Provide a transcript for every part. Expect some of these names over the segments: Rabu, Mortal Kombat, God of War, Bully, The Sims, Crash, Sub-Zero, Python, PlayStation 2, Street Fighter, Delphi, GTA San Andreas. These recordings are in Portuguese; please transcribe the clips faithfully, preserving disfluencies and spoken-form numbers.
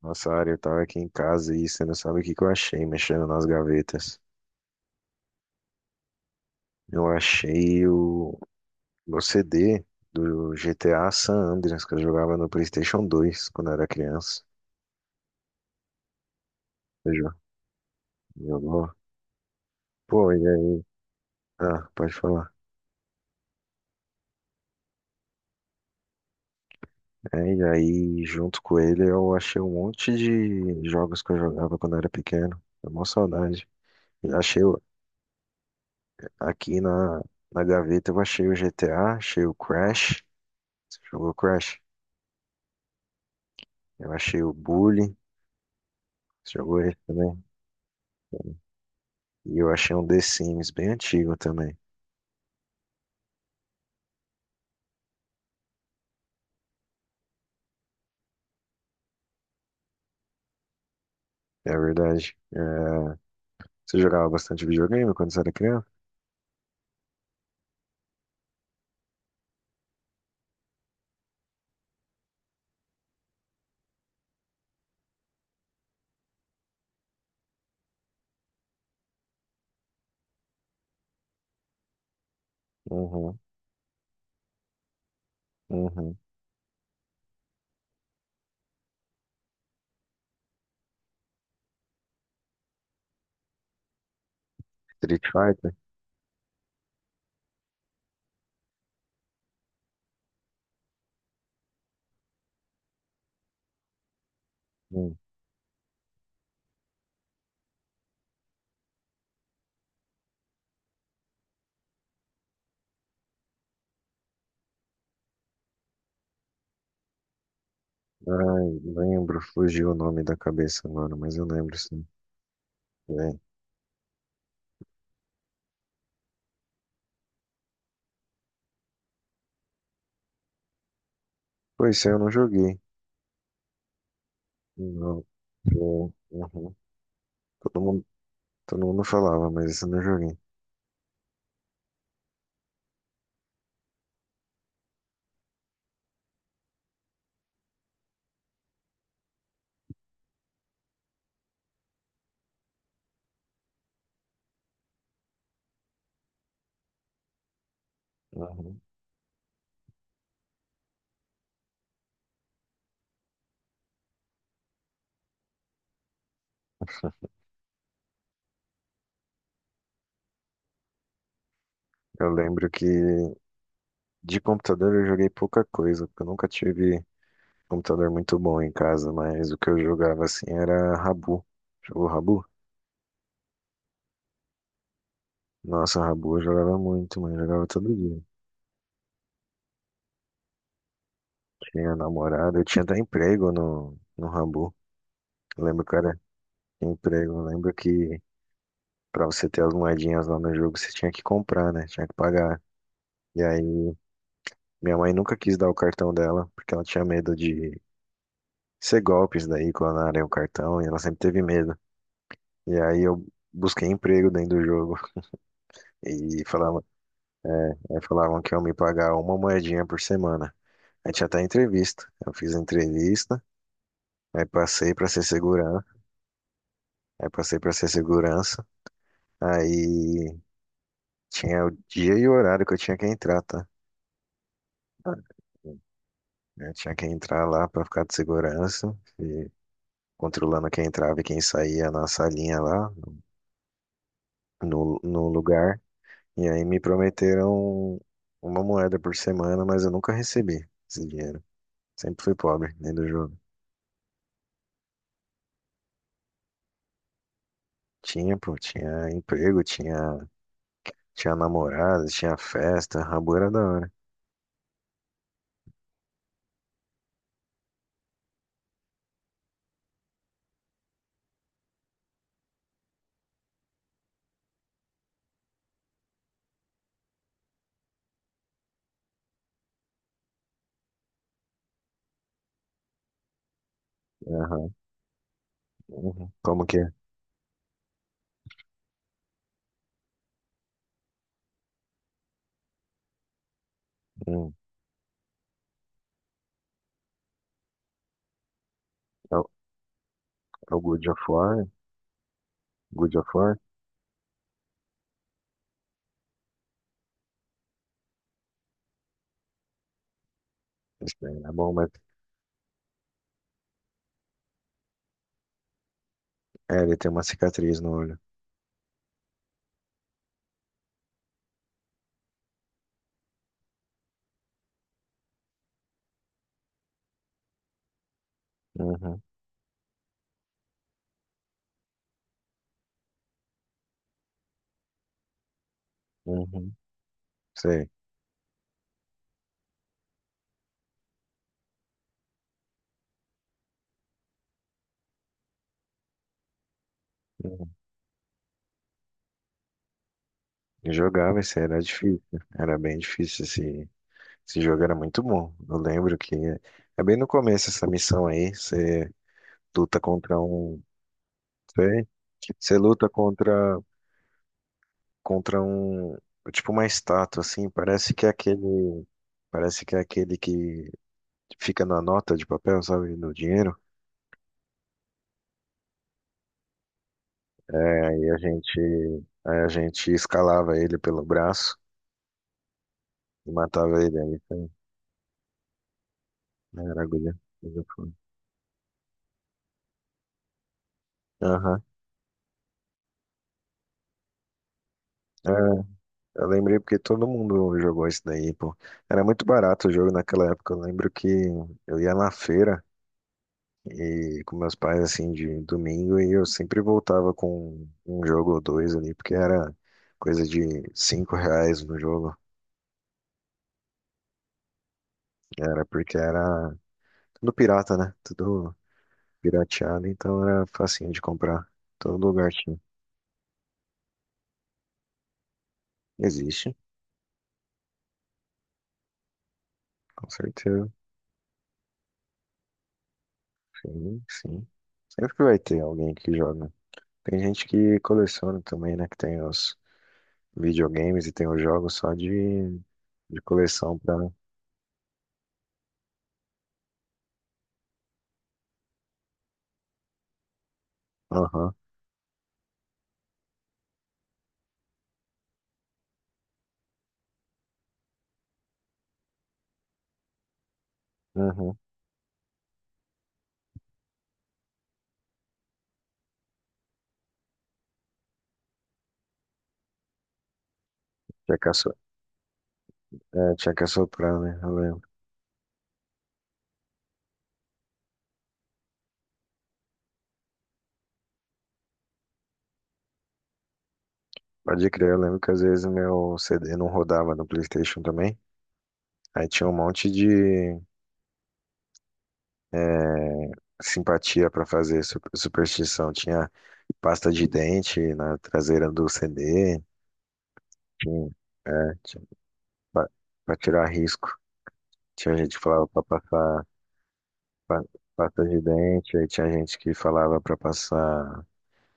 Nossa área, eu tava aqui em casa e você não sabe o que que eu achei mexendo nas gavetas. Eu achei o, o C D do G T A San Andreas que eu jogava no PlayStation dois quando era criança. Você jo- Jogou? Pô, e aí? Ah, pode falar. É, e aí, junto com ele, eu achei um monte de jogos que eu jogava quando era pequeno. É uma saudade. Eu Achei o- Aqui na, na gaveta, eu achei o G T A, achei o Crash. Você jogou Crash? Eu achei o Bully. Você jogou ele também? E eu achei um The Sims bem antigo também. É verdade. É, você jogava bastante videogame quando você era criança? Uhum, uhum. Street Fighter? Hum. Ai, lembro, fugiu o nome da cabeça agora, mas eu lembro sim. É. Pois esse eu não joguei. Não. Eu- uhum. Todo mundo, todo mundo falava, mas esse eu não joguei. Uhum. Eu lembro que de computador eu joguei pouca coisa, porque eu nunca tive computador muito bom em casa, mas o que eu jogava assim era Rabu. Jogou Rabu? Nossa, Rabu eu jogava muito, mano. Eu jogava todo dia. Tinha namorada, eu tinha até emprego no, no Rabu. Eu lembro que era emprego. Eu lembro que pra você ter as moedinhas lá no jogo, você tinha que comprar, né? Tinha que pagar. E aí, minha mãe nunca quis dar o cartão dela, porque ela tinha medo de ser golpes daí, clonarem o cartão, e ela sempre teve medo. E aí eu busquei emprego dentro do jogo. E falava, aí falavam que iam me pagar uma moedinha por semana. Aí tinha até entrevista. Eu fiz a entrevista, aí passei pra ser segurança, aí passei pra ser segurança. Aí tinha o dia e o horário que eu tinha que entrar, tá? Eu tinha que entrar lá pra ficar de segurança, e controlando quem entrava e quem saía na salinha lá, no, no lugar. E aí me prometeram uma moeda por semana, mas eu nunca recebi esse dinheiro. Sempre fui pobre, nem do jogo. Tinha, pô, tinha emprego, tinha, tinha namorada, tinha festa, Rabu era da hora. Aham. Uhum. Como que é? Hum. É o, é o Good of War? Good of War? Esse daí é bom, mas... É, ele tem uma cicatriz no olho. Uhum, uhum, sei. Uhum. Eu jogava, isso era difícil, né? Era bem difícil esse, esse jogo, era muito bom. Eu lembro que é bem no começo essa missão aí. Você luta contra um. Sei. Você luta contra contra um, tipo uma estátua assim, parece que é aquele, parece que é aquele que fica na nota de papel, sabe, no dinheiro. É, aí a gente, aí a gente escalava ele pelo braço e matava ele aí, foi- né, era agulha. Agulha foi. Aham. É, eu lembrei porque todo mundo jogou isso daí, pô. Era muito barato o jogo naquela época. Eu lembro que eu ia na feira e com meus pais, assim, de domingo, e eu sempre voltava com um jogo ou dois ali, porque era coisa de cinco reais no jogo. Era porque era tudo pirata, né? Tudo pirateado, então era facinho de comprar. Todo lugar tinha. Existe, com certeza. Sim, sim. Sempre que vai ter alguém que joga. Tem gente que coleciona também, né? Que tem os videogames e tem os jogos só de, de coleção pra. Aham, uhum, uhum. Que é É, tinha que assoprar, né? Eu lembro. Pode crer, eu lembro que às vezes meu C D não rodava no PlayStation também. Aí tinha um monte de simpatia pra fazer, su- superstição. Tinha pasta de dente na traseira do C D. Tinha, é, tinha pra, pra tirar risco. Tinha gente que falava pra passar pa- pasta de dente. Aí tinha gente que falava pra passar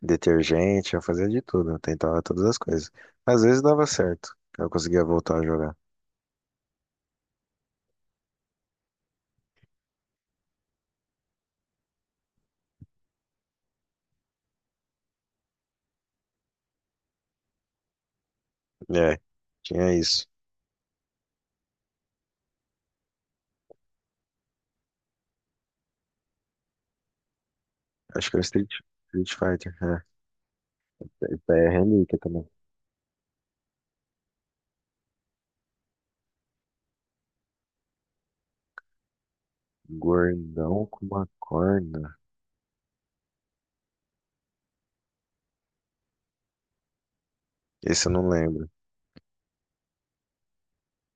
detergente. Eu fazia de tudo, eu tentava todas as coisas. Às vezes dava certo, eu conseguia voltar a jogar. É, tinha isso. Acho que era Street, Street Fighter, né? P R É relíquia também. Gordão com uma corna. Esse eu não lembro.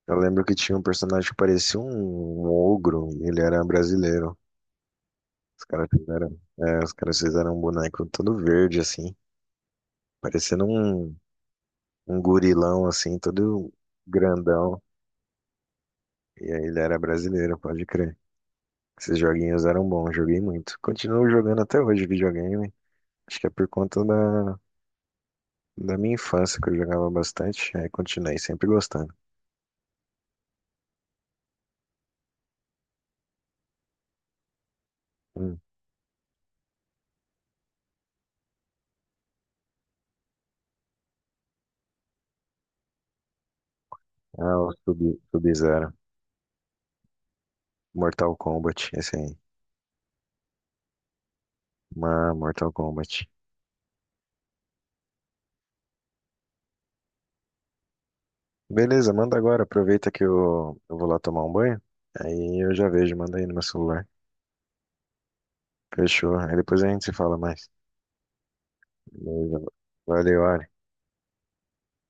Eu lembro que tinha um personagem que parecia um, um ogro e ele era brasileiro. Os caras fizeram, é, os caras fizeram um boneco todo verde, assim, parecendo um, um gorilão, assim, todo grandão. E aí ele era brasileiro, pode crer. Esses joguinhos eram bons, joguei muito. Continuo jogando até hoje videogame. Acho que é por conta da, da minha infância, que eu jogava bastante, aí continuei sempre gostando. Hum. Ah, o Sub- Sub-Zero. Mortal Kombat, esse aí. Uma Mortal Kombat. Beleza, manda agora. Aproveita que eu, eu vou lá tomar um banho. Aí eu já vejo, manda aí no meu celular. Fechou. Aí depois a gente se fala mais. Beleza. Valeu, Ari.